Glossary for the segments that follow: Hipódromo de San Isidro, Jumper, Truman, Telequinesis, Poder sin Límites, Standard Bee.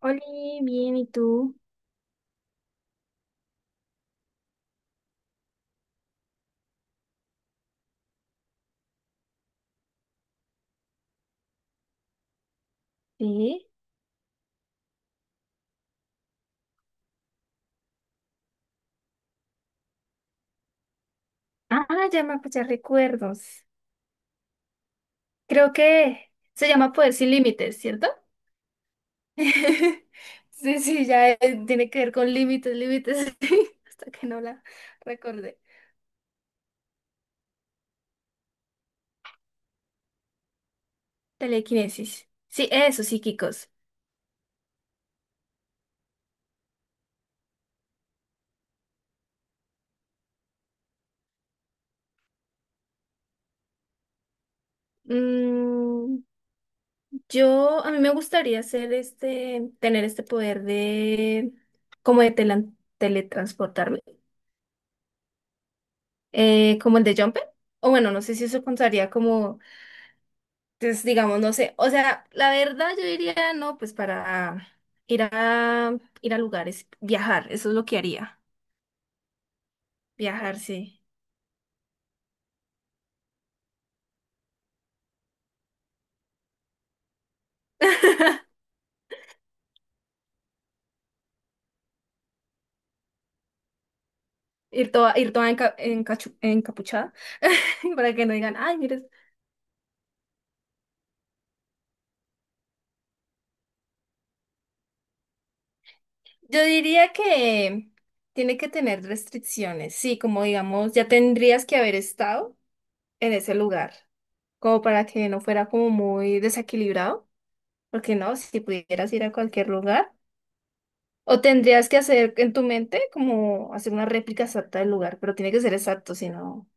Oli, bien, ¿y tú? ¿Sí? Ah, ya me pues, ya recuerdos. Creo que se llama Poder sin Límites, ¿cierto? Sí, sí, ya tiene que ver con límites, límites, sí, hasta que no la recordé. Telequinesis. Sí, eso, psíquicos. Mm, a mí me gustaría hacer este, tener este poder de, como de teletransportarme, como el de Jumper. O bueno, no sé si eso contaría como. Entonces, digamos, no sé, o sea, la verdad yo diría, no, pues para ir a lugares, viajar, eso es lo que haría. Viajar, sí. Ir toda encapuchada, para que no digan, ay, mires. Yo diría que tiene que tener restricciones, sí, como digamos, ya tendrías que haber estado en ese lugar, como para que no fuera como muy desequilibrado, porque no, si pudieras ir a cualquier lugar. O tendrías que hacer en tu mente como hacer una réplica exacta del lugar, pero tiene que ser exacto, si no.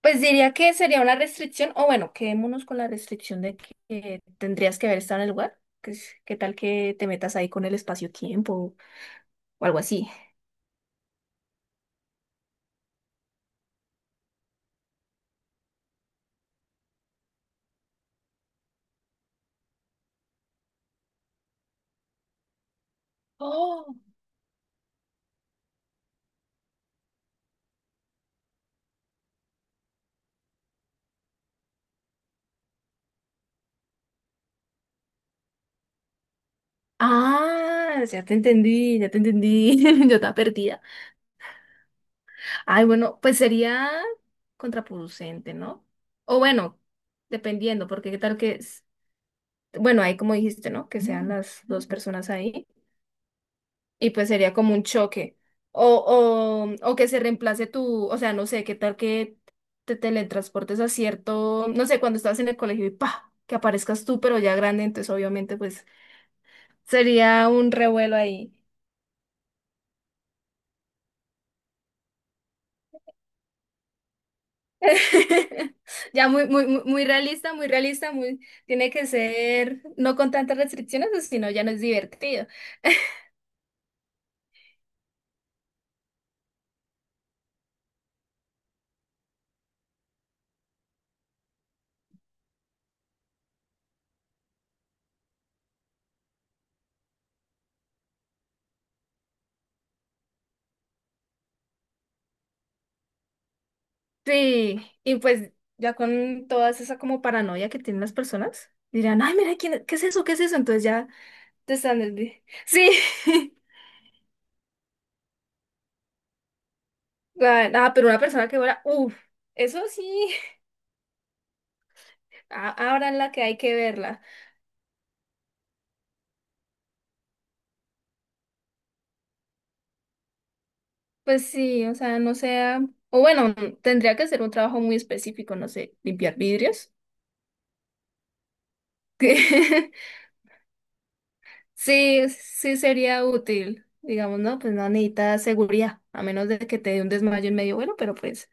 Pues diría que sería una restricción, o bueno, quedémonos con la restricción de que tendrías que haber estado en el lugar. ¿Qué tal que te metas ahí con el espacio-tiempo o algo así? Oh. Ah, ya te entendí. Yo estaba perdida. Ay, bueno, pues sería contraproducente, ¿no? O bueno, dependiendo, porque qué tal que, bueno, ahí como dijiste, ¿no? Que sean las dos personas ahí. Y pues sería como un choque. O, o que se reemplace tu, o sea, no sé, qué tal que te teletransportes a cierto, no sé, cuando estás en el colegio y pa, que aparezcas tú, pero ya grande, entonces obviamente pues sería un revuelo ahí. Ya muy realista, muy realista, muy, tiene que ser, no con tantas restricciones, o si no ya no es divertido. Sí, y pues ya con toda esa como paranoia que tienen las personas, dirán, ay, mira, ¿quién, qué es eso? ¿Qué es eso? Entonces ya. De Standard Bee. Sí. Pero una persona que vuela, uff, eso sí, ahora la que hay que verla. Pues sí, o sea, no sea, o bueno, tendría que ser un trabajo muy específico, no sé, limpiar vidrios. Sí, sí sería útil. Digamos, no, pues no necesita seguridad, a menos de que te dé un desmayo en medio vuelo, pero pues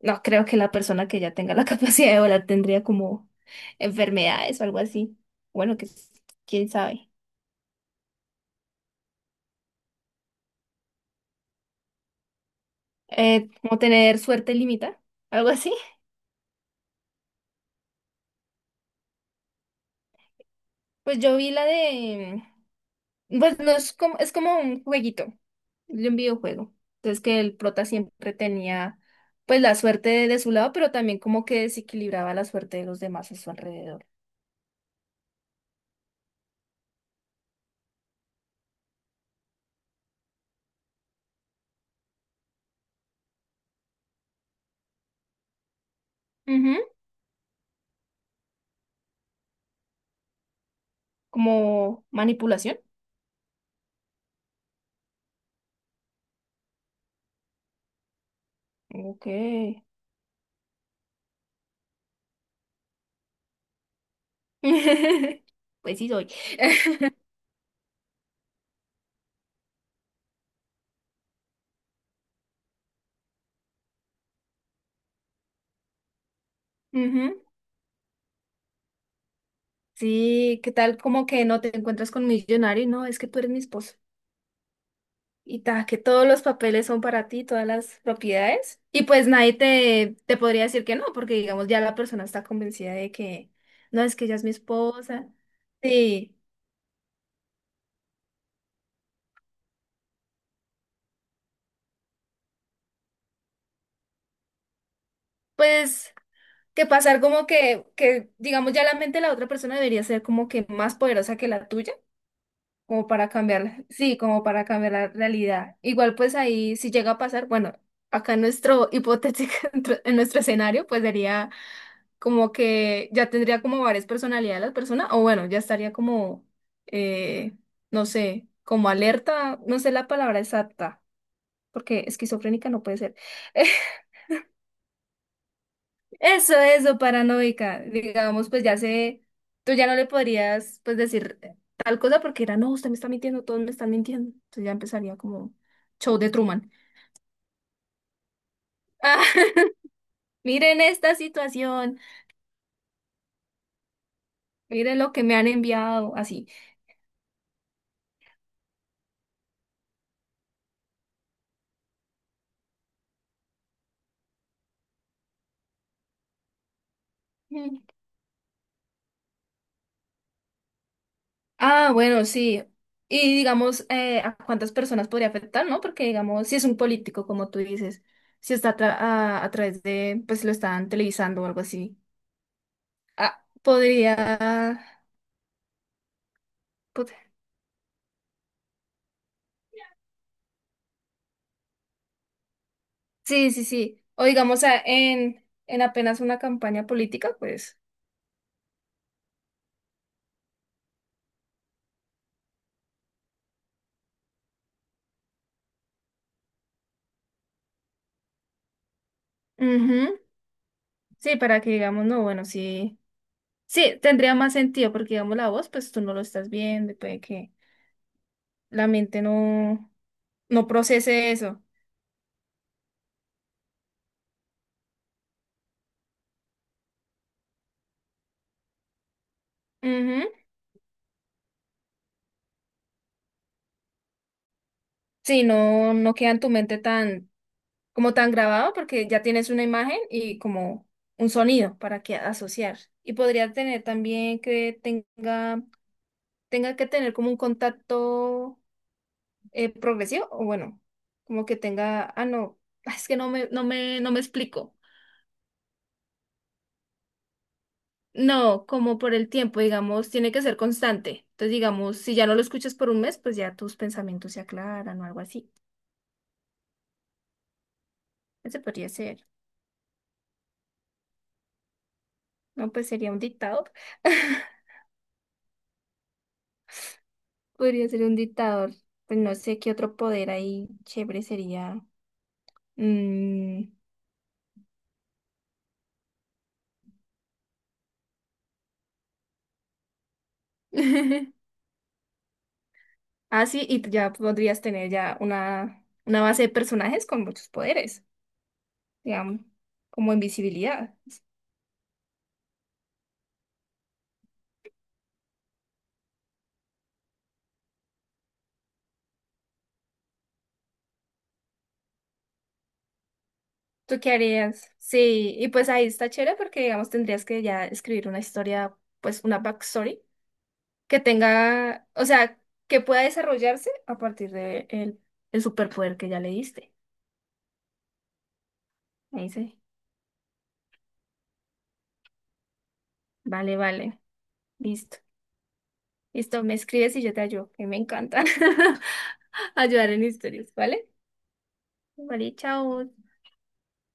no creo que la persona que ya tenga la capacidad de volar tendría como enfermedades o algo así. Bueno, quién sabe. Como tener suerte limita, algo así. Pues yo vi la de, pues no es como, es como un jueguito, de un videojuego. Entonces que el prota siempre tenía pues la suerte de su lado, pero también como que desequilibraba la suerte de los demás a su alrededor. Ujú. Como manipulación. Ok. Pues sí soy. Ujú. Sí, ¿qué tal? Como que no te encuentras con millonario, no, es que tú eres mi esposo. Y ta, que todos los papeles son para ti, todas las propiedades. Y pues nadie te podría decir que no, porque digamos ya la persona está convencida de que no, es que ella es mi esposa. Sí, pues que pasar como que digamos ya la mente de la otra persona debería ser como que más poderosa que la tuya, como para cambiar, sí, como para cambiar la realidad. Igual pues ahí si llega a pasar, bueno, acá en nuestro hipotético, en nuestro escenario, pues sería como que ya tendría como varias personalidades las personas, o bueno, ya estaría como, eh, no sé, como alerta, no sé la palabra exacta, porque esquizofrénica no puede ser. Eso, paranoica, digamos, pues ya sé, tú ya no le podrías, pues decir tal cosa porque era, no, usted me está mintiendo, todos me están mintiendo. Entonces ya empezaría como show de Truman. Ah, miren esta situación, miren lo que me han enviado, así. Ah, bueno, sí. Y digamos, ¿a cuántas personas podría afectar, no? Porque digamos, si es un político, como tú dices, si está a través de, pues lo están televisando o algo así. Ah, podría... pod- sí, sí, sí. O digamos, en apenas una campaña política, pues... Ujú. Sí, para que digamos, no, bueno, sí. Sí, tendría más sentido, porque digamos, la voz, pues tú no lo estás viendo, y puede que la mente no, no procese eso. Ujú. Sí, no, no queda en tu mente tan, como tan grabado porque ya tienes una imagen y como un sonido para que asociar. Y podría tener también que tenga, tenga que tener como un contacto progresivo, o bueno, como que tenga, ah, no, ah, es que no me explico. No, como por el tiempo, digamos, tiene que ser constante. Entonces, digamos, si ya no lo escuchas por un mes, pues ya tus pensamientos se aclaran o algo así. Ese podría ser. No, pues sería un dictado. Podría ser un dictador, pues no sé qué otro poder ahí chévere sería. Mm. Ah, sí, y ya podrías tener ya una base de personajes con muchos poderes, digamos, como invisibilidad. ¿Tú qué harías? Sí, y pues ahí está chévere porque, digamos, tendrías que ya escribir una historia, pues una backstory que tenga, o sea, que pueda desarrollarse a partir de el superpoder que ya le diste. Ahí sí. Vale, vale. Listo. Listo, me escribes y yo te ayudo, que me encanta ayudar en historias, ¿vale? Vale, chao.